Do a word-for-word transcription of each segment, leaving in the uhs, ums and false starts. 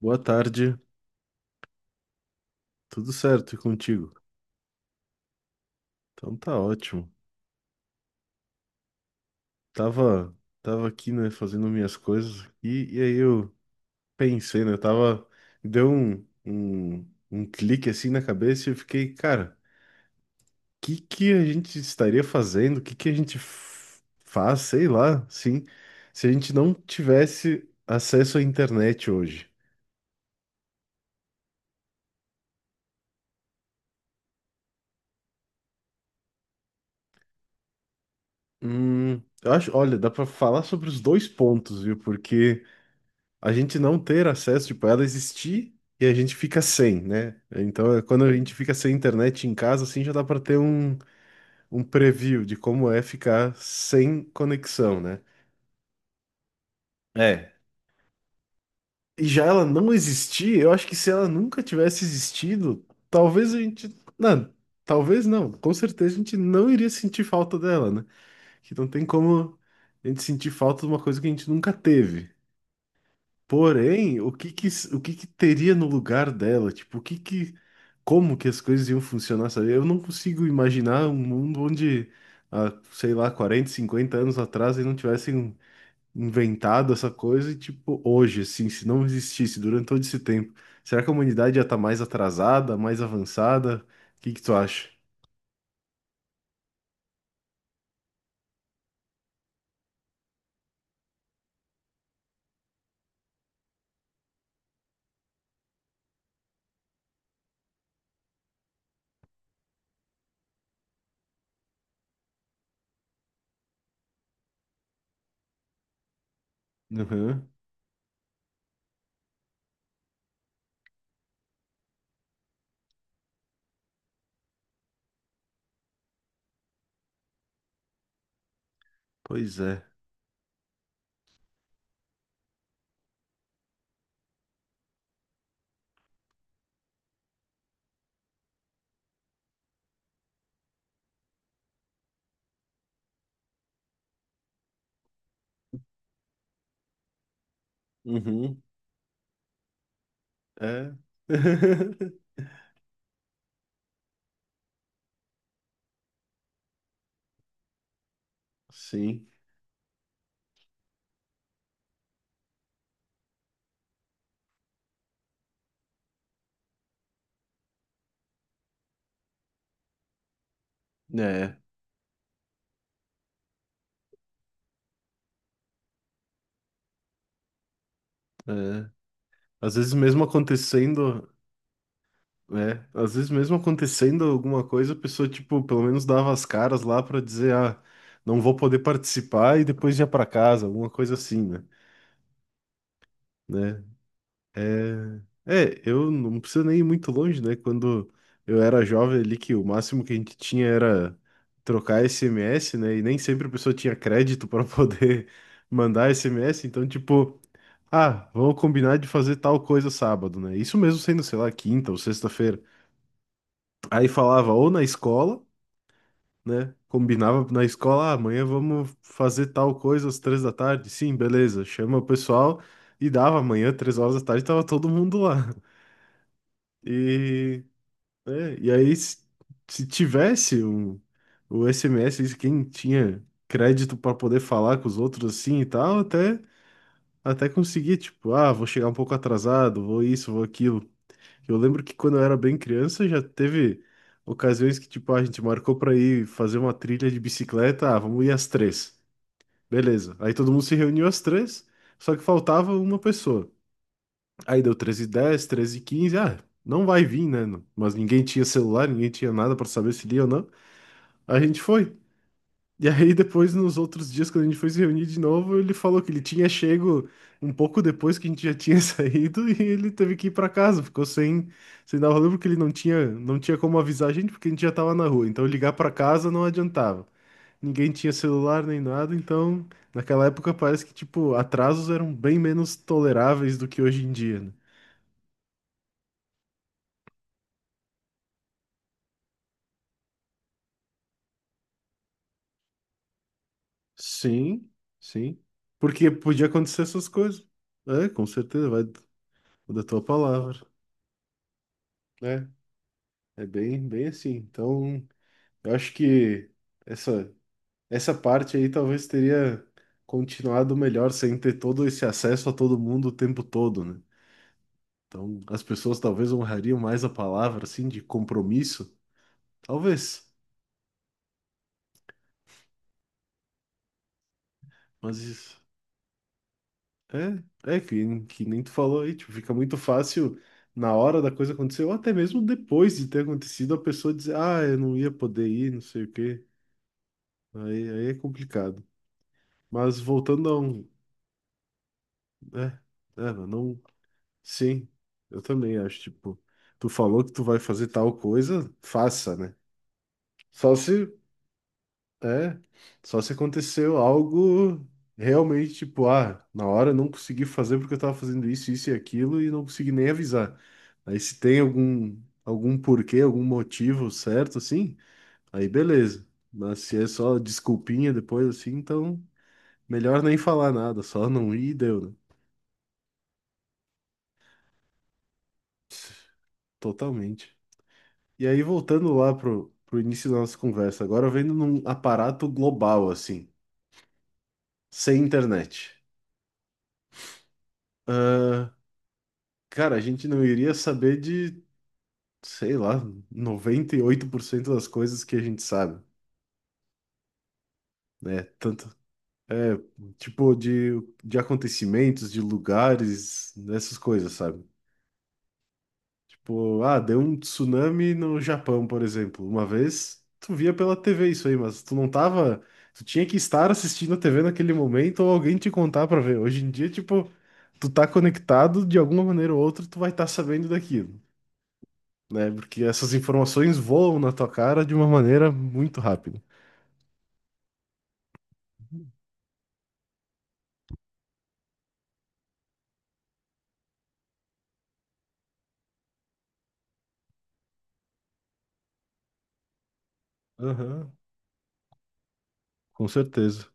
Boa tarde, tudo certo e contigo? Então tá ótimo. Tava, tava aqui, né, fazendo minhas coisas e, e aí eu pensei, né, tava, deu um, um, um clique assim na cabeça e eu fiquei, cara, o que que a gente estaria fazendo? O que que a gente f- faz, sei lá, sim, se a gente não tivesse acesso à internet hoje? Hum, eu acho, olha, dá pra falar sobre os dois pontos, viu? Porque a gente não ter acesso, tipo, ela existir e a gente fica sem, né? Então, é quando a gente fica sem internet em casa, assim, já dá para ter um, um preview de como é ficar sem conexão, né? É. E já ela não existir, eu acho que se ela nunca tivesse existido, talvez a gente. Não, talvez não. Com certeza a gente não iria sentir falta dela, né? Que não tem como a gente sentir falta de uma coisa que a gente nunca teve. Porém, o que que, o que que teria no lugar dela? Tipo, o que que, como que as coisas iam funcionar, sabe? Eu não consigo imaginar um mundo onde, há, sei lá, quarenta cinquenta anos atrás eles não tivessem inventado essa coisa e, tipo, hoje, assim, se não existisse durante todo esse tempo, será que a humanidade já tá mais atrasada, mais avançada? O que que tu acha? Uhum. Pois é. Uhum. É. Sim. É. É. Às vezes mesmo acontecendo. É, às vezes mesmo acontecendo alguma coisa, a pessoa, tipo, pelo menos dava as caras lá pra dizer, ah, não vou poder participar e depois ia pra casa, alguma coisa assim, né? Né? É, é, eu não preciso nem ir muito longe, né? Quando eu era jovem ali, que o máximo que a gente tinha era trocar E S E Me, né? E nem sempre a pessoa tinha crédito para poder mandar E S E Me, então, tipo, ah, vamos combinar de fazer tal coisa sábado, né? Isso mesmo sendo, sei lá, quinta ou sexta-feira. Aí falava ou na escola, né? Combinava na escola, ah, amanhã vamos fazer tal coisa às três da tarde. Sim, beleza. Chama o pessoal e dava amanhã, três horas da tarde, tava todo mundo lá. E, né, e aí, se, se tivesse um, o E S E Me, quem tinha crédito para poder falar com os outros assim e tal, até, até conseguia, tipo, ah, vou chegar um pouco atrasado, vou isso, vou aquilo. Eu lembro que quando eu era bem criança já teve ocasiões que, tipo, "Ah, a gente marcou pra ir fazer uma trilha de bicicleta. Ah, vamos ir às três. Beleza." Aí todo mundo se reuniu às três, só que faltava uma pessoa. Aí deu treze e dez, treze e quinze. Ah, não vai vir, né? Mas ninguém tinha celular, ninguém tinha nada pra saber se ia ou não. A gente foi. E aí, depois, nos outros dias, quando a gente foi se reunir de novo, ele falou que ele tinha chego um pouco depois que a gente já tinha saído e ele teve que ir pra casa, ficou sem, sem dar o rolê porque ele não tinha, não tinha como avisar a gente porque a gente já tava na rua. Então, ligar pra casa não adiantava. Ninguém tinha celular nem nada, então, naquela época parece que, tipo, atrasos eram bem menos toleráveis do que hoje em dia, né? Sim, sim. Porque podia acontecer essas coisas. É, com certeza, vai d- da tua palavra, né? É bem, bem assim. Então, eu acho que essa, essa parte aí talvez teria continuado melhor sem ter todo esse acesso a todo mundo o tempo todo, né? Então, as pessoas talvez honrariam mais a palavra, assim, de compromisso. Talvez. Mas isso é, é que, que nem tu falou aí, tipo, fica muito fácil na hora da coisa acontecer, ou até mesmo depois de ter acontecido, a pessoa dizer, ah, eu não ia poder ir, não sei o quê. Aí, aí é complicado. Mas voltando a um. É, é, mano, não. Sim, eu também acho, tipo, tu falou que tu vai fazer tal coisa, faça, né? Só se, é, só se aconteceu algo realmente, tipo, ah, na hora eu não consegui fazer porque eu tava fazendo isso, isso e aquilo e não consegui nem avisar. Aí se tem algum, algum porquê, algum motivo certo, assim, aí beleza. Mas se é só desculpinha depois, assim, então melhor nem falar nada, só não ir e deu, né? Totalmente. E aí, voltando lá pro, pro início da nossa conversa, agora vendo num aparato global, assim, sem internet. Ah, cara, a gente não iria saber de, sei lá, noventa e oito por cento das coisas que a gente sabe, né? Tanto, é, tipo, de, de acontecimentos, de lugares, dessas coisas, sabe? Tipo, ah, deu um tsunami no Japão, por exemplo. Uma vez, tu via pela tê vê isso aí, mas tu não tava. Tu tinha que estar assistindo a tê vê naquele momento ou alguém te contar pra ver. Hoje em dia, tipo, tu tá conectado de alguma maneira ou outra, tu vai estar sabendo daquilo, né? Porque essas informações voam na tua cara de uma maneira muito rápida. Aham, com certeza.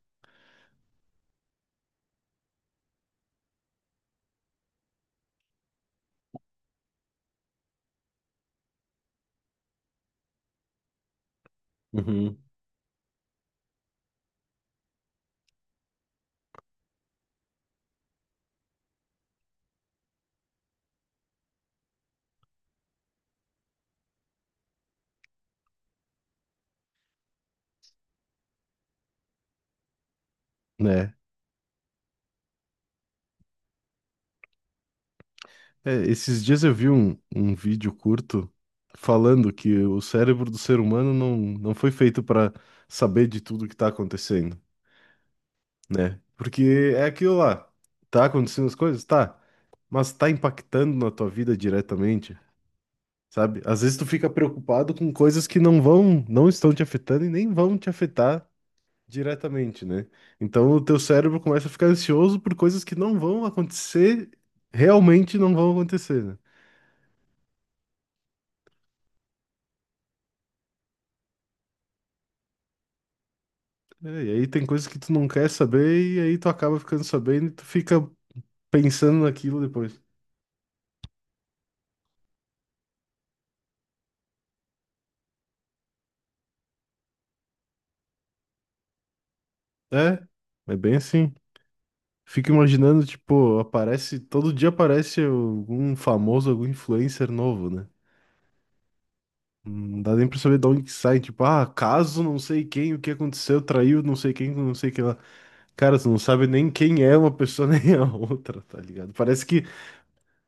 Uhum. Né? É, esses dias eu vi um, um vídeo curto falando que o cérebro do ser humano não, não foi feito para saber de tudo que tá acontecendo, né? Porque é aquilo lá, tá acontecendo as coisas? Tá, mas tá impactando na tua vida diretamente, sabe? Às vezes tu fica preocupado com coisas que não vão, não estão te afetando e nem vão te afetar diretamente, né? Então o teu cérebro começa a ficar ansioso por coisas que não vão acontecer, realmente não vão acontecer, né? É, e aí tem coisas que tu não quer saber e aí tu acaba ficando sabendo e tu fica pensando naquilo depois. É, é bem assim. Fico imaginando, tipo, aparece, todo dia aparece algum famoso, algum influencer novo, né? Não dá nem pra saber de onde que sai, tipo, ah, caso não sei quem, o que aconteceu, traiu não sei quem, com não sei quem lá. Cara, tu não sabe nem quem é uma pessoa nem a outra, tá ligado? Parece que,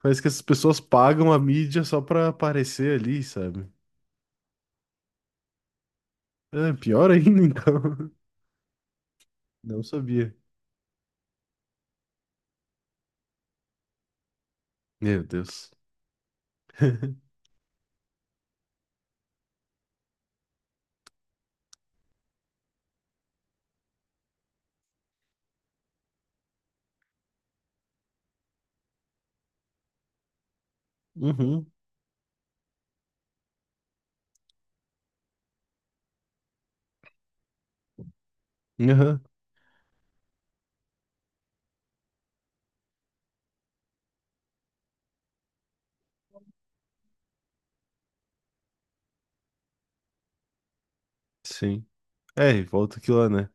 parece que essas pessoas pagam a mídia só pra aparecer ali, sabe? É, pior ainda, então. Não sabia. Meu Deus. Uhum, uhum, sim. É, e volta aqui lá, né?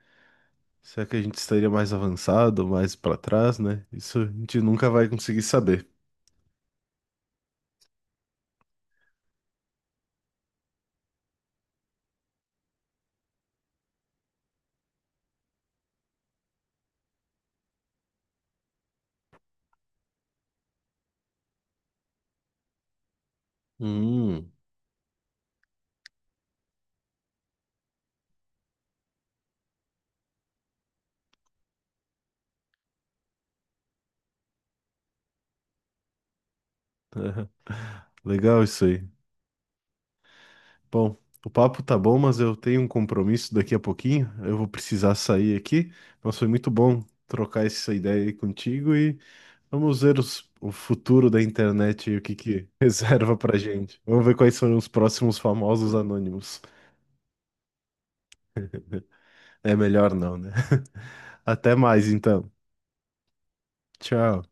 Será que a gente estaria mais avançado, mais pra trás, né? Isso a gente nunca vai conseguir saber. Hum, legal isso aí. Bom, o papo tá bom, mas eu tenho um compromisso daqui a pouquinho. Eu vou precisar sair aqui. Mas foi muito bom trocar essa ideia aí contigo e vamos ver os- o futuro da internet e o que que reserva pra gente. Vamos ver quais são os próximos famosos anônimos. É melhor não, né? Até mais, então. Tchau.